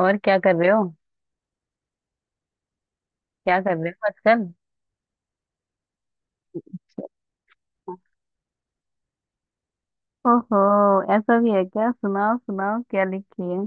और क्या कर रहे हो। क्या कर रहे हो आजकल? ओहो, ऐसा भी है क्या? सुनाओ सुनाओ, क्या लिखी है?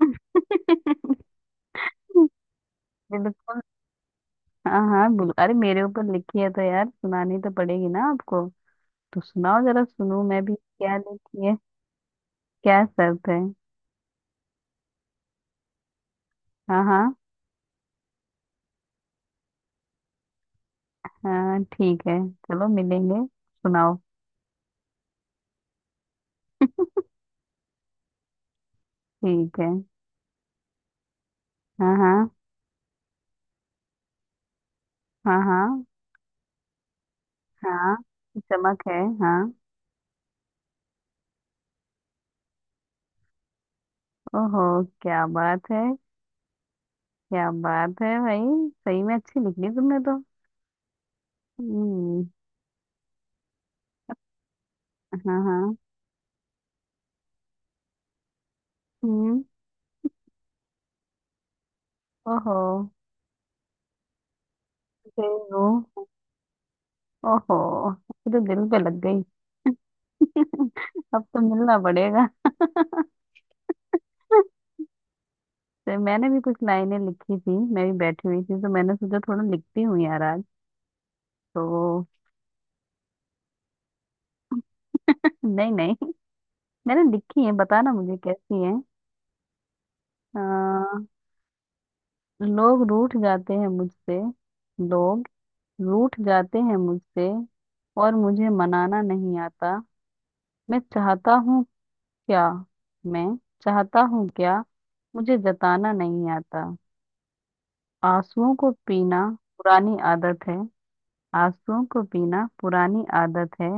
बिल्कुल। हाँ हाँ बिल्कुल, अरे मेरे ऊपर लिखी है तो यार सुनानी तो पड़ेगी ना आपको। तो सुनाओ, जरा सुनूं मैं भी क्या लिखी है। क्या शर्त है? हाँ हाँ। हाँ ठीक है, चलो मिलेंगे सुनाओ। ठीक है। हाँ हाँ। हाँ हाँ। हाँ, चमक है हाँ। ओहो, क्या बात है। क्या बात है भाई, सही में अच्छी लिख ली तुमने तो। हम्म। हाँ हाँ। हम्म। ओहो। देखो। ओहो, ये तो दिल पे लग गई। अब तो मिलना पड़ेगा। तो मैंने भी कुछ लाइनें लिखी थी, मैं भी बैठी हुई थी तो मैंने सोचा थोड़ा लिखती हूँ यार आज। तो। नहीं नहीं, मैंने लिखी है, बताना मुझे कैसी है। आ, लोग रूठ जाते हैं मुझसे। लोग रूठ जाते हैं मुझसे, और मुझे मनाना नहीं आता। मैं चाहता हूँ क्या, मैं चाहता हूँ क्या, मुझे जताना नहीं आता। आंसुओं को पीना पुरानी आदत है, आंसुओं को पीना पुरानी आदत है,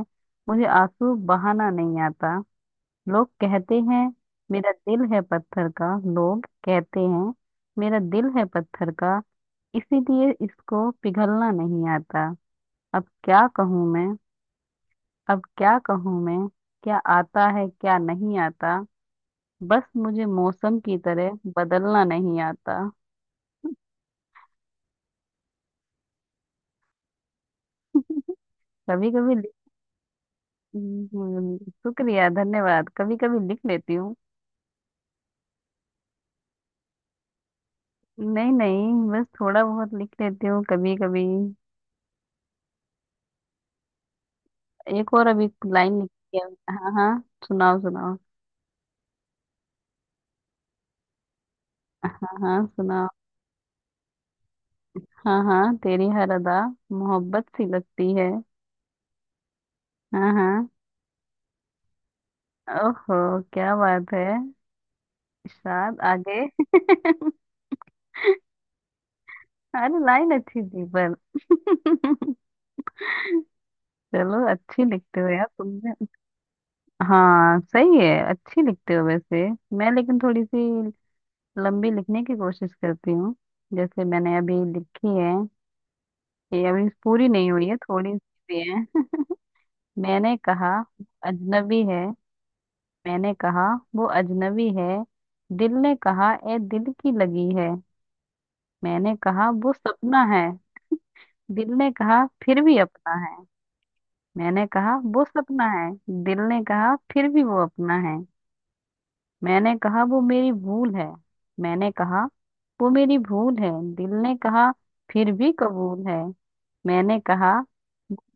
मुझे आंसू बहाना नहीं आता। लोग कहते हैं मेरा दिल है पत्थर का, लोग कहते हैं मेरा दिल है पत्थर का, इसीलिए इसको पिघलना नहीं आता। अब क्या कहूँ मैं, अब क्या कहूँ मैं, क्या आता है क्या नहीं आता, बस मुझे मौसम की तरह बदलना नहीं आता। कभी कभी लिख। शुक्रिया धन्यवाद, कभी कभी लिख लेती हूँ। नहीं नहीं, बस थोड़ा बहुत लिख लेती हूँ कभी कभी। एक और अभी लाइन लिखी है। हाँ हाँ सुनाओ सुनाओ। हाँ हाँ सुनाओ। हाँ हाँ, तेरी हर अदा मोहब्बत सी लगती है। हाँ हाँ। ओहो, क्या बात है। शायद आगे अरे लाइन अच्छी थी पर चलो अच्छी लिखते हो यार तुम। हाँ सही है, अच्छी लिखते हो वैसे। मैं लेकिन थोड़ी सी लंबी लिखने की कोशिश करती हूँ। जैसे मैंने अभी लिखी है, ये अभी पूरी नहीं हुई है, थोड़ी सी भी है। मैंने कहा अजनबी है, मैंने कहा वो अजनबी है, दिल ने कहा ए दिल की लगी है। मैंने कहा वो सपना है, दिल ने कहा फिर भी अपना है। मैंने कहा वो सपना है, दिल ने कहा फिर भी वो अपना है। मैंने कहा वो मेरी भूल है, मैंने कहा वो मेरी भूल है, दिल ने कहा फिर भी कबूल है। मैंने कहा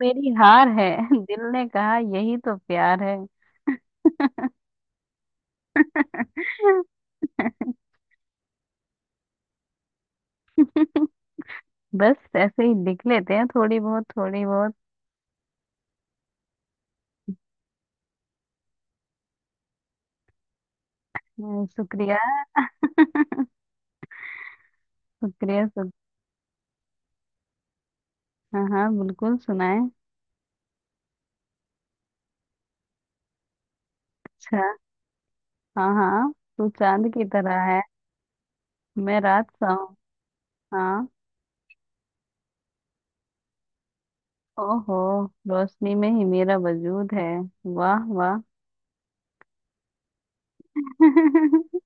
मेरी हार है दिल ने कहा यही तो प्यार है। बस ऐसे ही लिख लेते हैं, थोड़ी बहुत थोड़ी बहुत। शुक्रिया शुक्रिया हाँ हाँ बिल्कुल, सुनाए। अच्छा। हाँ हाँ, तू चांद की तरह है, मैं रात सा हूँ। हाँ। ओहो, रोशनी में ही मेरा वजूद है। वाह वाह।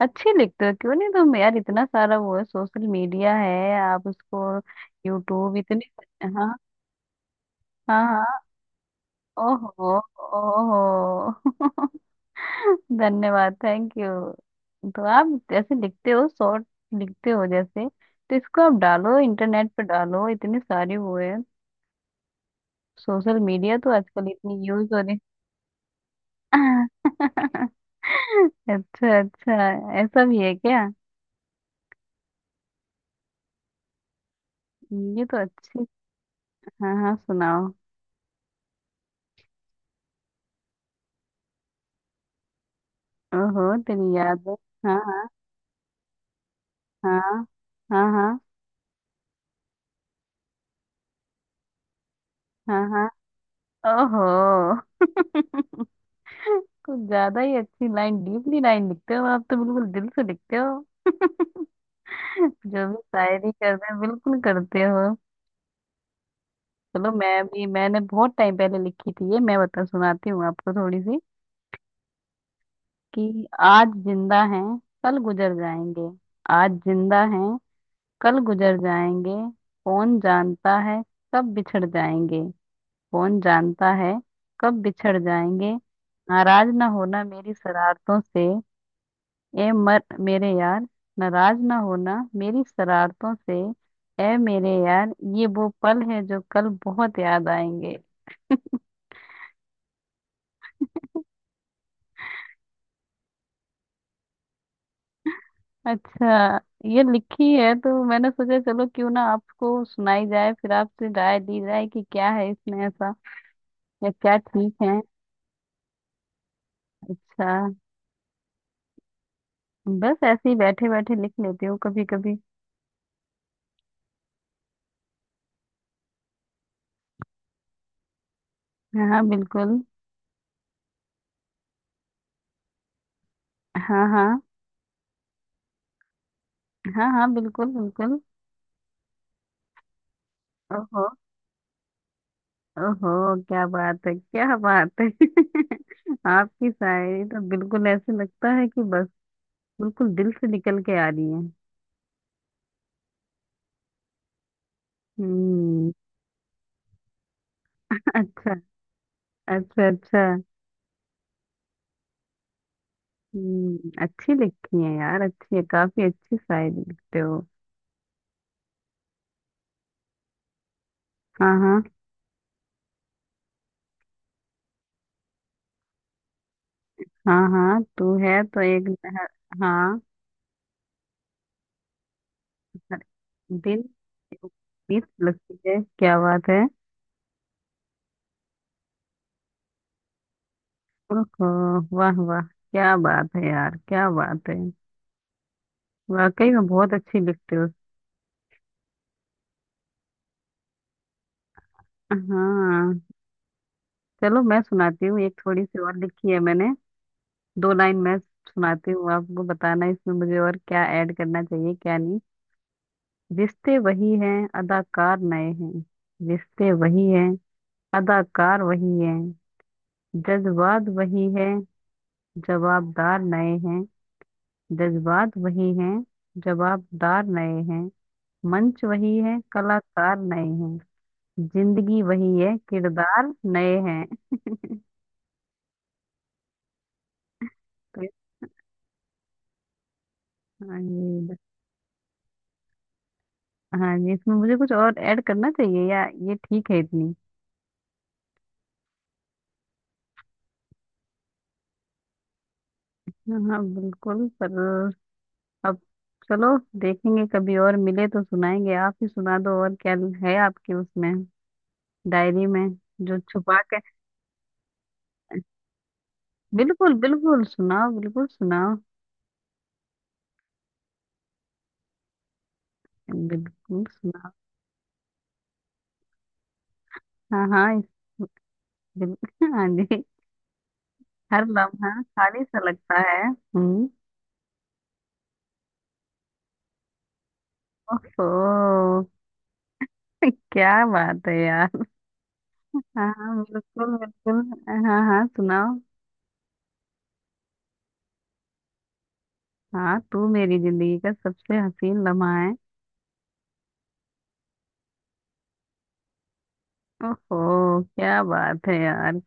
अच्छी लिखते हो क्यों नहीं तुम यार, इतना सारा वो है, सोशल मीडिया है, आप उसको, यूट्यूब इतने। हाँ। हाँ हाँ। ओहो। ओहो। धन्यवाद थैंक यू। तो आप जैसे लिखते हो शॉर्ट लिखते हो जैसे, तो इसको आप डालो, इंटरनेट पे डालो, इतनी सारी वो है, सोशल मीडिया तो आजकल इतनी यूज हो रही। अच्छा अच्छा, ऐसा भी है क्या? ये तो अच्छी। हाँ हाँ सुनाओ। ओहो, तेरी याद है। हाँ। हाँ हाँ। हाँ हाँ हाँ। हाँ ओहो। कुछ ज्यादा ही अच्छी लाइन, डीपली लाइन लिखते हो आप, तो बिल्कुल दिल से लिखते हो। जो भी शायरी करते हैं बिल्कुल करते हो। चलो मैं भी, मैंने बहुत टाइम पहले लिखी थी ये, मैं बता, सुनाती हूँ आपको थोड़ी सी। कि आज जिंदा हैं, कल गुजर जाएंगे, आज जिंदा हैं, कल गुजर जाएंगे, कौन जानता है कब बिछड़ जाएंगे, कौन जानता है कब बिछड़ जाएंगे। नाराज ना होना मेरी शरारतों से, ए मर मेरे यार, नाराज ना होना मेरी शरारतों से, ए मेरे यार, ये वो पल है जो कल बहुत याद आएंगे। अच्छा। ये लिखी है तो मैंने सोचा चलो क्यों ना आपको सुनाई जाए, फिर आपसे राय ली जाए कि क्या है इसमें ऐसा, या क्या ठीक है। अच्छा। बस ऐसे ही बैठे बैठे लिख लेती हूँ कभी कभी। हाँ हाँ बिल्कुल। हाँ हाँ। हाँ हाँ बिल्कुल बिल्कुल। ओहो। ओहो क्या बात है, क्या बात है। आपकी शायरी तो बिल्कुल ऐसे लगता है कि बस बिल्कुल दिल से निकल के आ रही है। हम्म। अच्छा। अच्छा अच्छा। हम्म, अच्छी लिखती है यार, अच्छी है, काफी अच्छी शायरी लिखते हो। हाँ हाँ। हाँ हाँ तू है तो एक नहर। हाँ। हर दिन बीस लगती है, क्या बात है। ओहो। वाह वाह, क्या बात है यार, क्या बात है। वाकई में बहुत अच्छी लिखते हो। हाँ। चलो मैं सुनाती हूँ, एक थोड़ी सी और लिखी है मैंने। दो लाइन मैं सुनाती हूँ आपको, बताना इसमें मुझे और क्या ऐड करना चाहिए क्या नहीं। रिश्ते वही हैं अदाकार नए हैं, रिश्ते वही हैं अदाकार वही हैं, जज्बात वही है जवाबदार नए हैं, जज्बात वही हैं जवाबदार नए हैं, मंच वही है कलाकार नए हैं, जिंदगी वही है किरदार नए हैं। तो। हाँ ये। हाँ ये इसमें मुझे कुछ और ऐड करना चाहिए या ये ठीक है इतनी। हाँ हाँ, बिल्कुल। पर अब, चलो देखेंगे, कभी और मिले तो सुनाएंगे, आप ही सुना दो, और क्या है आपकी उसमें, डायरी में, जो छुपा के। बिल्कुल बिल्कुल सुनाओ, बिल्कुल सुनाओ। बिल्कुल सुनाओ। हाँ हाँ बिल, हाँ जी। हर लम्हा खाली सा लगता है। हम्म। ओहो। क्या बात है यार। हाँ हाँ बिल्कुल बिल्कुल। हाँ हाँ सुनाओ। हाँ, तू मेरी जिंदगी का सबसे हसीन लम्हा है। ओहो क्या बात है यार,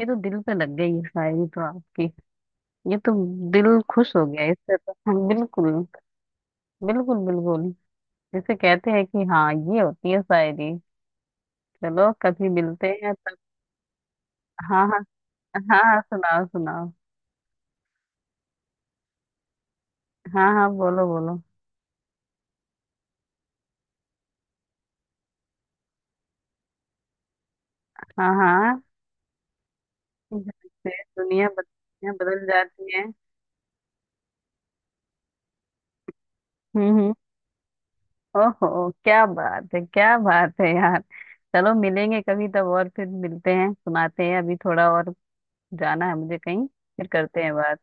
ये तो दिल पे लग गई, ये शायरी तो आपकी, ये तो दिल खुश हो गया इससे तो। हाँ, बिल्कुल बिल्कुल बिल्कुल। जिसे कहते हैं कि हाँ ये होती है शायरी। चलो कभी मिलते हैं तब। हाँ हाँ। हाँ हाँ सुनाओ सुनाओ। हाँ हाँ बोलो बोलो। हाँ हाँ जैसे दुनिया बदल जाती है। हम्म हम्म। ओहो क्या बात है, क्या बात है यार, चलो मिलेंगे कभी तब और फिर मिलते हैं सुनाते हैं अभी थोड़ा और। जाना है मुझे कहीं, फिर करते हैं बात।